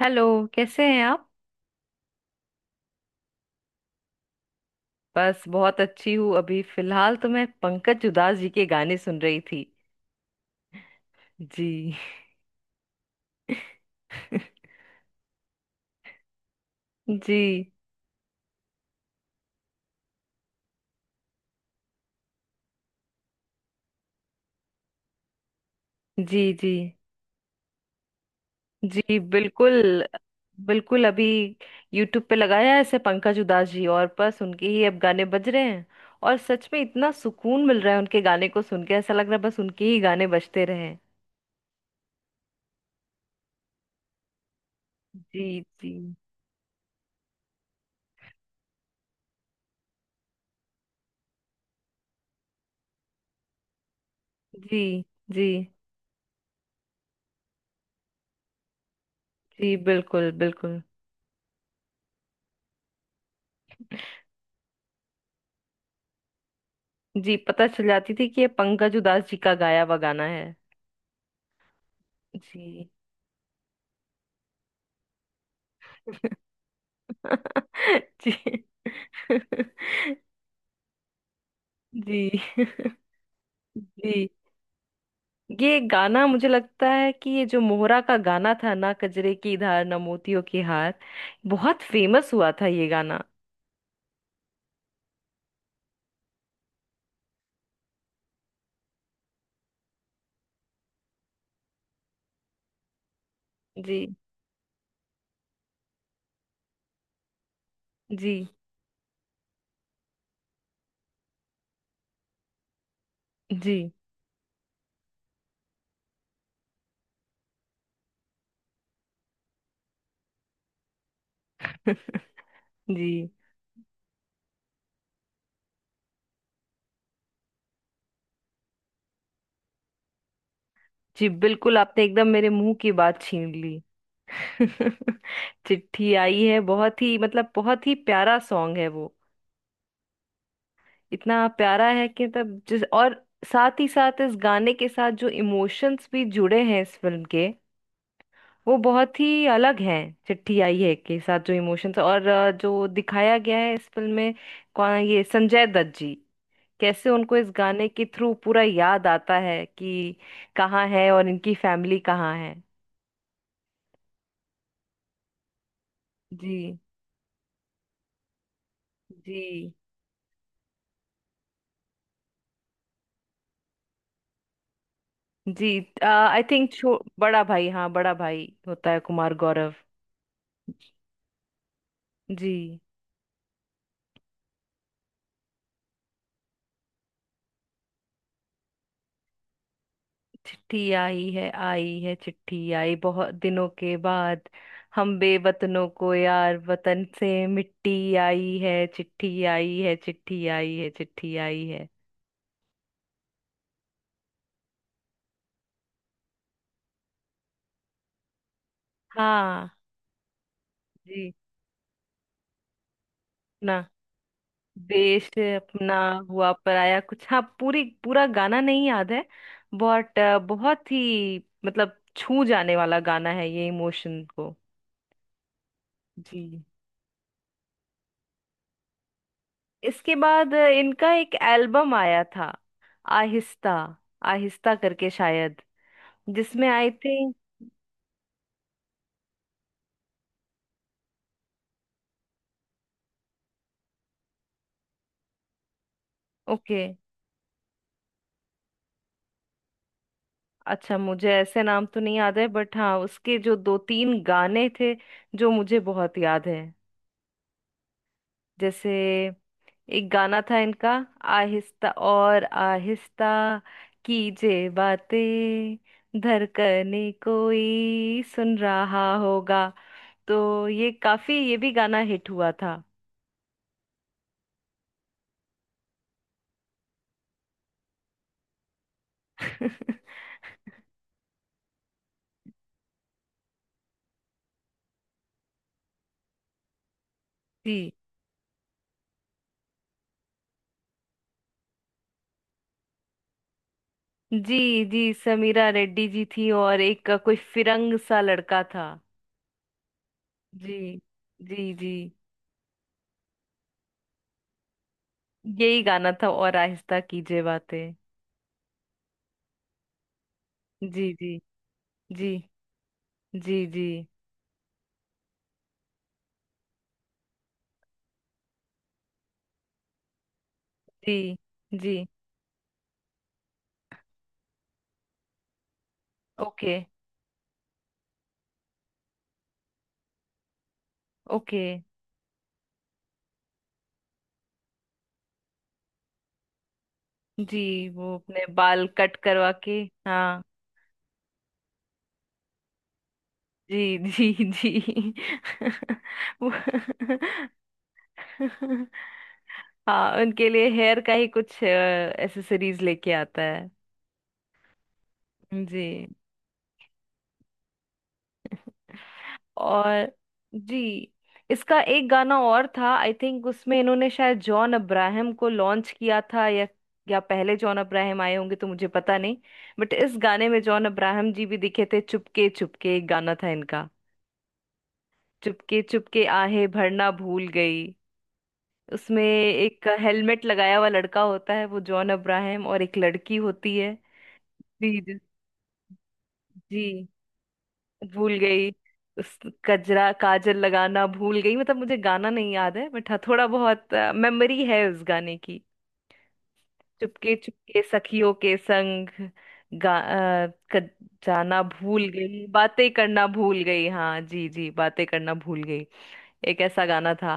Hello. कैसे हैं आप। बस बहुत अच्छी हूँ। अभी फिलहाल तो मैं पंकज उधास जी के गाने सुन रही थी। जी। जी। जी। जी। जी बिल्कुल। बिल्कुल अभी यूट्यूब पे लगाया है ऐसे पंकज उधास जी और बस उनके ही अब गाने बज रहे हैं। और सच में इतना सुकून मिल रहा है उनके गाने को सुन के ऐसा लग रहा है बस उनके ही गाने बजते रहें। जी। जी। जी। जी। जी बिल्कुल। बिल्कुल। जी पता चल जाती थी कि ये पंकज उधास जी का गाया हुआ गाना है। जी। जी जी। जी ये गाना मुझे लगता है कि ये जो मोहरा का गाना था, ना कजरे की धार ना मोतियों की हार, बहुत फेमस हुआ था ये गाना। जी। जी। जी। जी। जी बिल्कुल, आपने एकदम मेरे मुंह की बात छीन ली। चिट्ठी आई है बहुत ही मतलब बहुत ही प्यारा सॉन्ग है वो। इतना प्यारा है कि तब जिस और साथ ही साथ इस गाने के साथ जो इमोशंस भी जुड़े हैं इस फिल्म के, वो बहुत ही अलग हैं। चिट्ठी आई है के साथ जो इमोशंस और जो दिखाया गया है इस फिल्म में, कौन ये संजय दत्त जी, कैसे उनको इस गाने के थ्रू पूरा याद आता है कि कहाँ है और इनकी फैमिली कहाँ है। जी। जी। जी। आई थिंक बड़ा भाई, हाँ बड़ा भाई होता है कुमार गौरव। जी। चिट्ठी आई है, आई है चिट्ठी आई बहुत दिनों के बाद, हम बेवतनों को यार वतन से मिट्टी आई है, चिट्ठी आई है, चिट्ठी आई है, चिट्ठी आई है। हाँ। जी। ना देश अपना हुआ पराया कुछ, हाँ पूरी पूरा गाना नहीं याद है बट बहुत ही मतलब छू जाने वाला गाना है ये इमोशन को। जी। इसके बाद इनका एक एल्बम आया था, आहिस्ता आहिस्ता करके शायद, जिसमें आई थिंक। ओके। अच्छा मुझे ऐसे नाम तो नहीं याद है बट हाँ उसके जो दो तीन गाने थे जो मुझे बहुत याद है। जैसे एक गाना था इनका, आहिस्ता और आहिस्ता कीजे बातें, धड़कने कोई सुन रहा होगा। तो ये काफी, ये भी गाना हिट हुआ था। जी। जी। जी समीरा रेड्डी जी थी और एक कोई फिरंग सा लड़का था। जी। जी। जी। यही गाना था और आहिस्ता कीजिए बातें। जी। जी। जी। जी। जी। जी। जी। ओके। ओके। जी वो अपने बाल कट करवा के, हाँ। जी। जी। जी। वो हाँ उनके लिए हेयर का ही कुछ एसेसरीज लेके आता है। जी। और जी। इसका एक गाना और था, आई थिंक उसमें इन्होंने शायद जॉन अब्राहम को लॉन्च किया था, या पहले जॉन अब्राहम आए होंगे तो मुझे पता नहीं। बट इस गाने में जॉन अब्राहम जी भी दिखे थे, चुपके चुपके एक गाना था इनका। चुपके चुपके आहें भरना भूल गई। उसमें एक हेलमेट लगाया हुआ लड़का होता है वो जॉन अब्राहम और एक लड़की होती है। जी। जी भूल गई। उस कजरा काजल लगाना भूल गई, मतलब मुझे गाना नहीं याद है बट हाँ थोड़ा बहुत मेमोरी है उस गाने की। चुपके चुपके सखियों के संग गा, अ, जाना भूल गई, बातें करना भूल गई, हाँ। जी। जी। बातें करना भूल गई, एक ऐसा गाना था।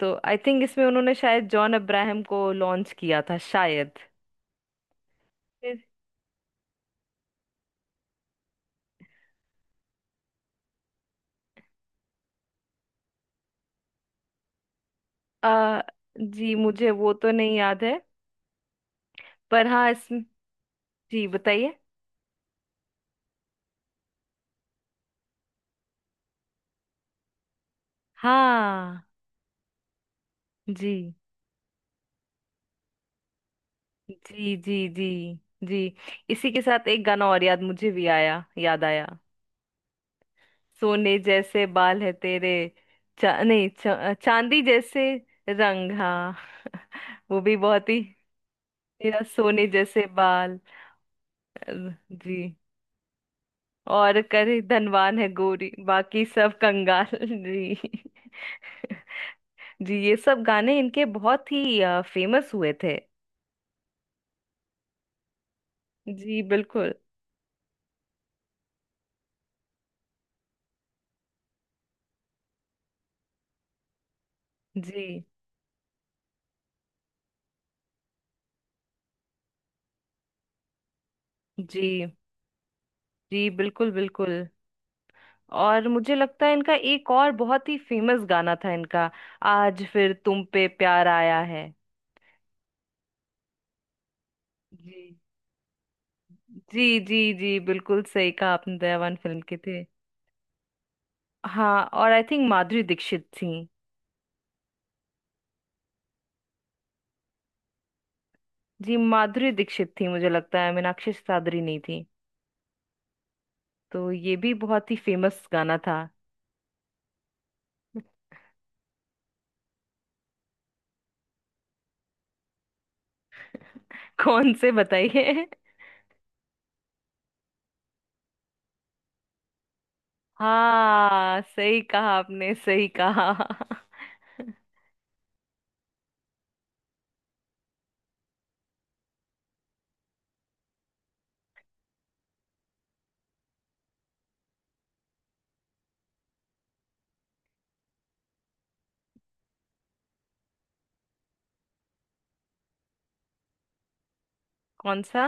तो आई थिंक इसमें उन्होंने शायद जॉन अब्राहम को लॉन्च किया था शायद। फिर, अ, जी मुझे वो तो नहीं याद है पर हाँ इसमें। जी बताइए। हाँ। जी। जी। जी। जी। जी। इसी के साथ एक गाना और याद मुझे भी आया, याद आया, सोने जैसे बाल है तेरे, नहीं चांदी जैसे रंग, हाँ। वो भी बहुत ही तेरा सोने जैसे बाल, अ, जी। और करे धनवान है गोरी बाकी सब कंगाल। जी। जी ये सब गाने इनके बहुत ही फेमस हुए थे। जी बिल्कुल। जी। जी। जी बिल्कुल। बिल्कुल। और मुझे लगता है इनका एक और बहुत ही फेमस गाना था इनका, आज फिर तुम पे प्यार आया है। जी। जी। जी। जी बिल्कुल सही कहा आपने, दयावान फिल्म के थे। हाँ और आई थिंक माधुरी दीक्षित थी। जी माधुरी दीक्षित थी, मुझे लगता है मीनाक्षी सादरी नहीं थी। तो ये भी बहुत ही फेमस गाना था। कौन से बताइए। हाँ सही कहा आपने, सही कहा। कौन सा।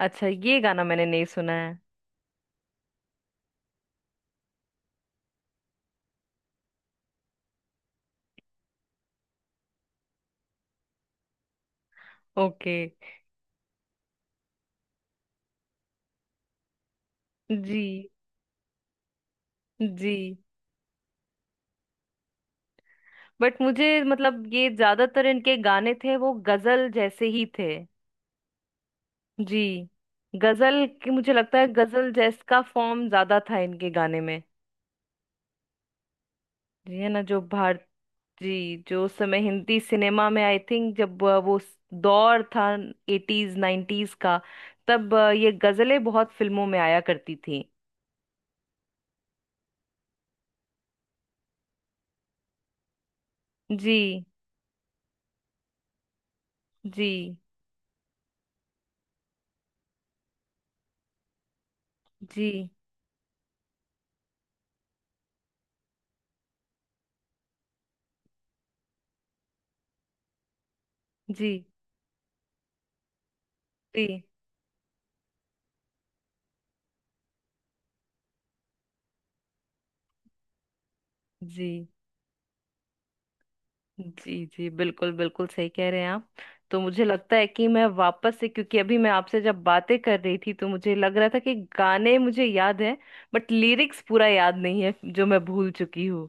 अच्छा ये गाना मैंने नहीं सुना है। ओके। जी। जी। बट मुझे मतलब ये ज्यादातर इनके गाने थे वो गजल जैसे ही थे। जी गजल की मुझे लगता है गजल जैस का फॉर्म ज्यादा था इनके गाने में। जी है ना। जो भारत जी जो उस समय हिंदी सिनेमा में आई थिंक जब वो दौर था, एटीज नाइन्टीज का। तब ये गजलें बहुत फिल्मों में आया करती थी। जी। जी। जी। जी। जी। जी। जी। जी बिल्कुल। बिल्कुल सही कह रहे हैं आप। तो मुझे लगता है कि मैं वापस से, क्योंकि अभी मैं आपसे जब बातें कर रही थी तो मुझे लग रहा था कि गाने मुझे याद हैं बट लिरिक्स पूरा याद नहीं है जो मैं भूल चुकी हूँ।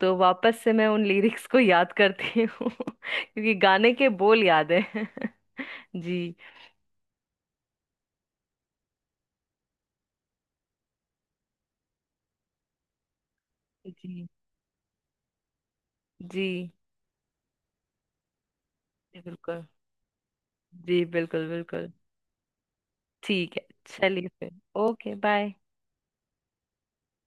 तो वापस से मैं उन लिरिक्स को याद करती हूँ क्योंकि गाने के बोल याद हैं। जी। जी। जी जी, बिल्कुल। जी बिल्कुल बिल्कुल। ठीक है। चलिए फिर। Okay bye.